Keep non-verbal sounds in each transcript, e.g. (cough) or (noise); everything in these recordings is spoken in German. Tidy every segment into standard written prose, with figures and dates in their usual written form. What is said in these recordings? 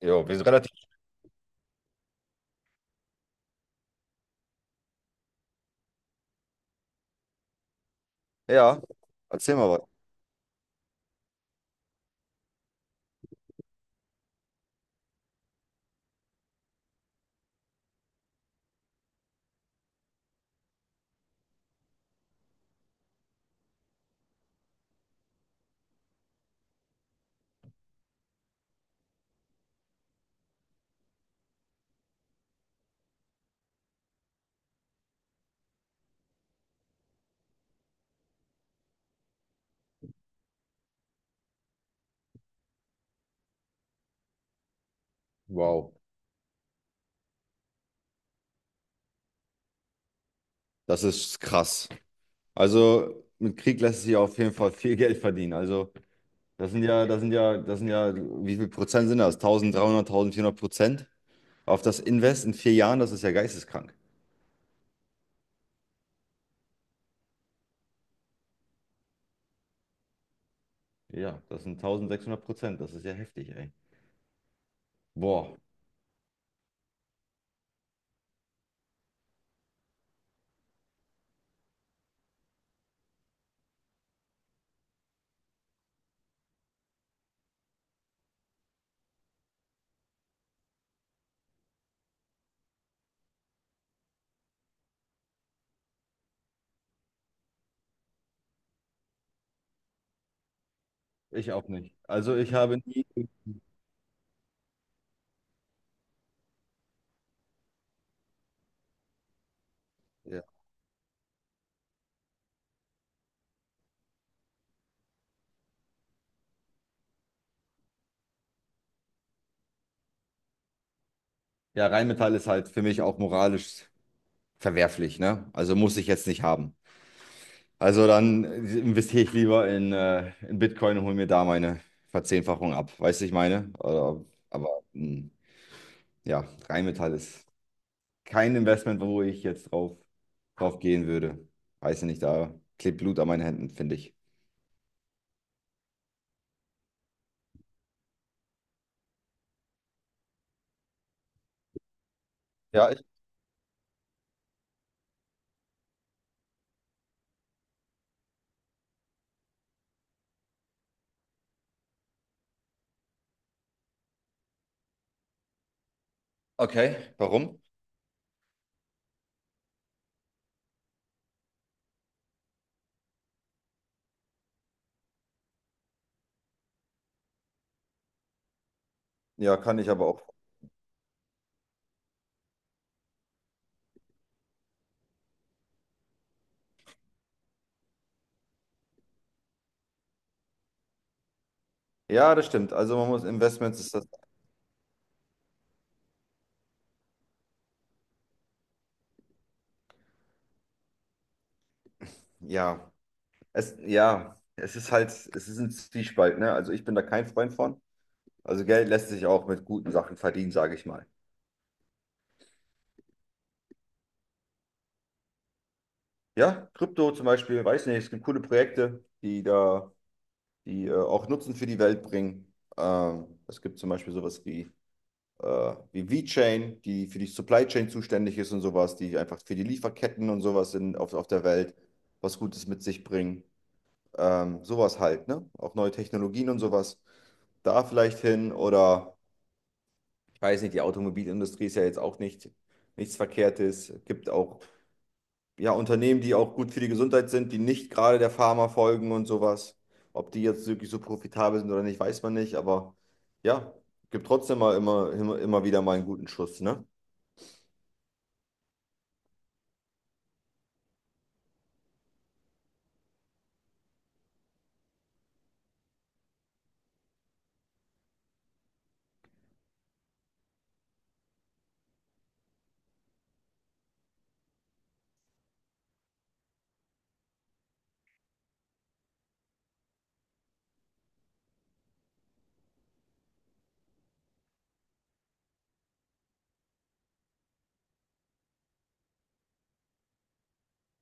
Jo, wir sind relativ. Ja, erzähl mal was. Wow, das ist krass. Also mit Krieg lässt sich auf jeden Fall viel Geld verdienen. Also das sind ja, das sind ja, das sind ja, wie viel Prozent sind das? 1300, 1400% auf das Invest in 4 Jahren, das ist ja geisteskrank. Ja, das sind 1600%, das ist ja heftig, ey. Boah, ich auch nicht. Also ich habe nie, ja, ja, Rheinmetall ist halt für mich auch moralisch verwerflich, ne? Also muss ich jetzt nicht haben. Also dann investiere ich lieber in Bitcoin und hole mir da meine Verzehnfachung ab. Weißt du, ich meine? Oder, aber ja, Rheinmetall ist kein Investment, wo ich jetzt drauf gehen würde. Weiß ich nicht, da klebt Blut an meinen Händen, finde ich. Ja, ich, okay. Warum? Ja, kann ich aber auch. Ja, das stimmt. Also man muss Investments ist das. Ja, ja, es ist halt, es ist ein Zwiespalt, ne? Also ich bin da kein Freund von. Also Geld lässt sich auch mit guten Sachen verdienen, sage ich mal. Ja, Krypto zum Beispiel, weiß nicht, es gibt coole Projekte, die da, die auch Nutzen für die Welt bringen. Es gibt zum Beispiel sowas wie V-Chain, die für die Supply Chain zuständig ist und sowas, die einfach für die Lieferketten und sowas in, auf der Welt was Gutes mit sich bringen. Sowas halt, ne? Auch neue Technologien und sowas. Da vielleicht hin oder ich weiß nicht, die Automobilindustrie ist ja jetzt auch nicht nichts Verkehrtes. Es gibt auch ja, Unternehmen, die auch gut für die Gesundheit sind, die nicht gerade der Pharma folgen und sowas. Ob die jetzt wirklich so profitabel sind oder nicht, weiß man nicht, aber ja, gibt trotzdem mal immer, immer, immer wieder mal einen guten Schuss, ne?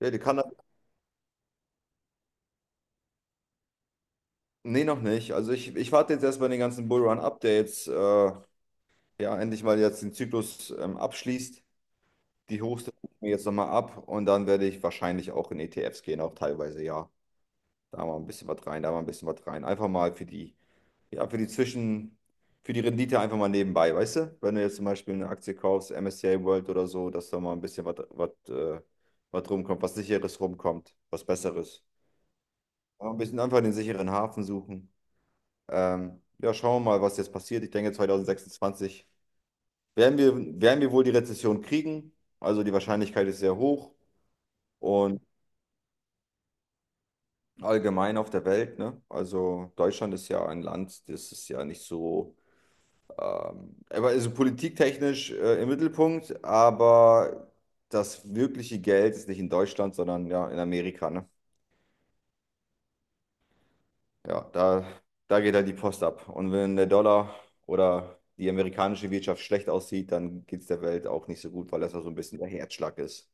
Ja, die kann. Nee, noch nicht. Also ich warte jetzt erstmal den ganzen Bullrun ab, der jetzt ja endlich mal jetzt den Zyklus abschließt. Die Hochste gucke ich mir jetzt nochmal ab und dann werde ich wahrscheinlich auch in ETFs gehen, auch teilweise, ja. Da mal ein bisschen was rein, da mal ein bisschen was rein. Einfach mal für die, ja, für die Zwischen, für die Rendite einfach mal nebenbei, weißt du? Wenn du jetzt zum Beispiel eine Aktie kaufst, MSCI World oder so, dass da mal ein bisschen was rumkommt, was Sicheres rumkommt, was Besseres. Aber ein bisschen einfach den sicheren Hafen suchen. Ja, schauen wir mal, was jetzt passiert. Ich denke, 2026 werden wir, werden wir wohl die Rezession kriegen. Also die Wahrscheinlichkeit ist sehr hoch und allgemein auf der Welt, ne? Also Deutschland ist ja ein Land, das ist ja nicht so. Er war also politiktechnisch im Mittelpunkt, aber das wirkliche Geld ist nicht in Deutschland, sondern ja in Amerika, ne? Ja, da geht halt die Post ab. Und wenn der Dollar oder die amerikanische Wirtschaft schlecht aussieht, dann geht es der Welt auch nicht so gut, weil das ja so ein bisschen der Herzschlag ist.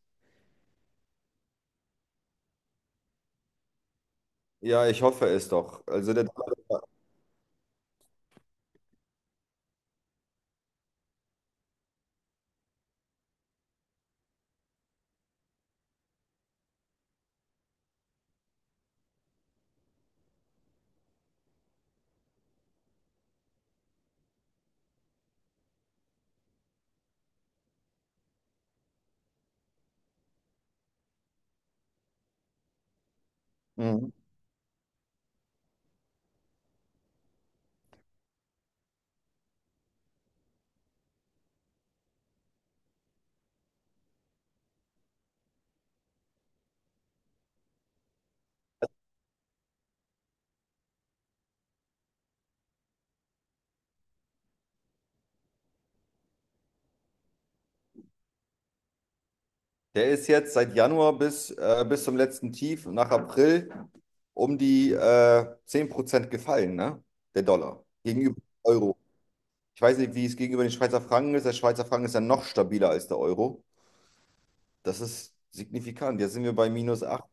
Ja, ich hoffe es doch. Also der Dollar. Mhm. Der ist jetzt seit Januar bis zum letzten Tief nach April um die 10% gefallen, ne? Der Dollar gegenüber dem Euro. Ich weiß nicht, wie es gegenüber den Schweizer Franken ist. Der Schweizer Franken ist ja noch stabiler als der Euro. Das ist signifikant. Jetzt sind wir bei minus acht.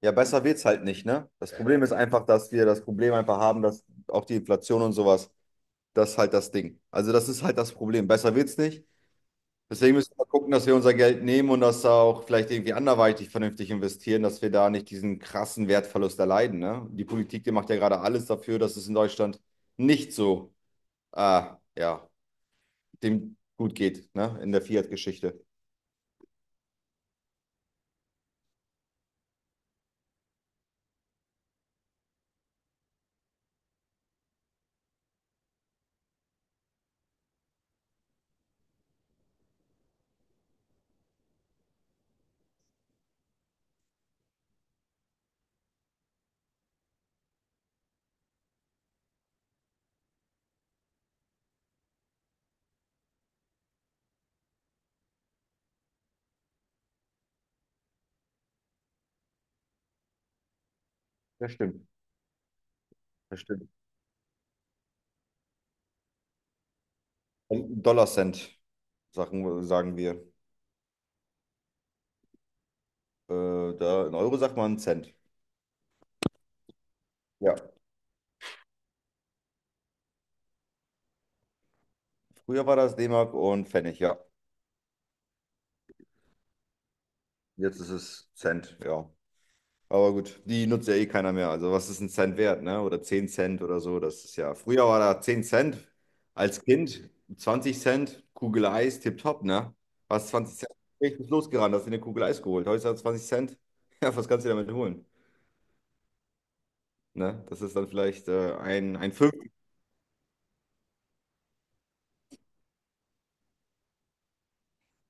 Ja, besser wird es halt nicht, ne? Das Problem ist einfach, dass wir das Problem einfach haben, dass auch die Inflation und sowas, das ist halt das Ding. Also das ist halt das Problem. Besser wird es nicht. Deswegen müssen wir gucken, dass wir unser Geld nehmen und das auch vielleicht irgendwie anderweitig vernünftig investieren, dass wir da nicht diesen krassen Wertverlust erleiden, ne? Die Politik, die macht ja gerade alles dafür, dass es in Deutschland nicht so, äh, ja, dem gut geht, ne? In der Fiat-Geschichte. Das stimmt, das stimmt. Und Dollar-Cent, sagen wir. Da in Euro sagt man Cent. Ja. Früher war das D-Mark und Pfennig, ja. Jetzt ist es Cent, ja. Aber gut, die nutzt ja eh keiner mehr. Also was ist ein Cent wert, ne? Oder 10 Cent oder so. Das ist ja. Früher war da 10 Cent als Kind, 20 Cent, Kugel Eis, tipptopp, ne? Was 20 Cent, ich bin losgerannt, hast dir eine Kugel Eis geholt. Heute hat 20 Cent. (laughs) Ja, was kannst du damit holen? Ne? Das ist dann vielleicht ein Fünftel.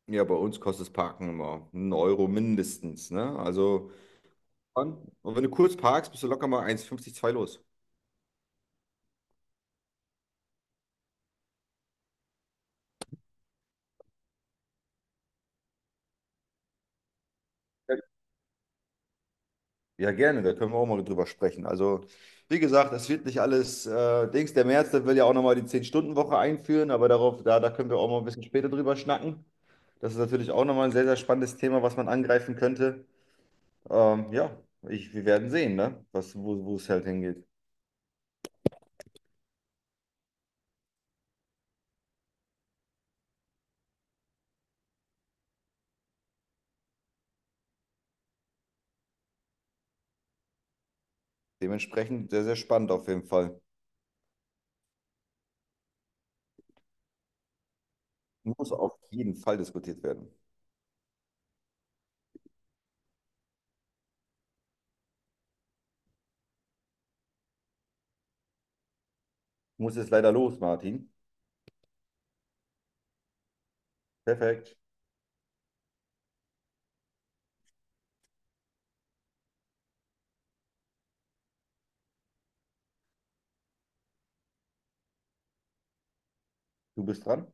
Ja, bei uns kostet das Parken immer einen Euro mindestens. Ne? Also, und wenn du kurz parkst, bist du locker mal eins Komma fünfzig zwei los. Ja, gerne, da können wir auch mal drüber sprechen. Also, wie gesagt, es wird nicht alles Dings. Der Merz, der will ja auch nochmal die 10-Stunden-Woche einführen, aber darauf, da können wir auch mal ein bisschen später drüber schnacken. Das ist natürlich auch nochmal ein sehr, sehr spannendes Thema, was man angreifen könnte. Ja, ich, wir werden sehen, ne? Was, wo es halt hingeht. Dementsprechend sehr, sehr spannend auf jeden Fall. Muss auf jeden Fall diskutiert werden. Ich muss jetzt leider los, Martin. Perfekt. Du bist dran.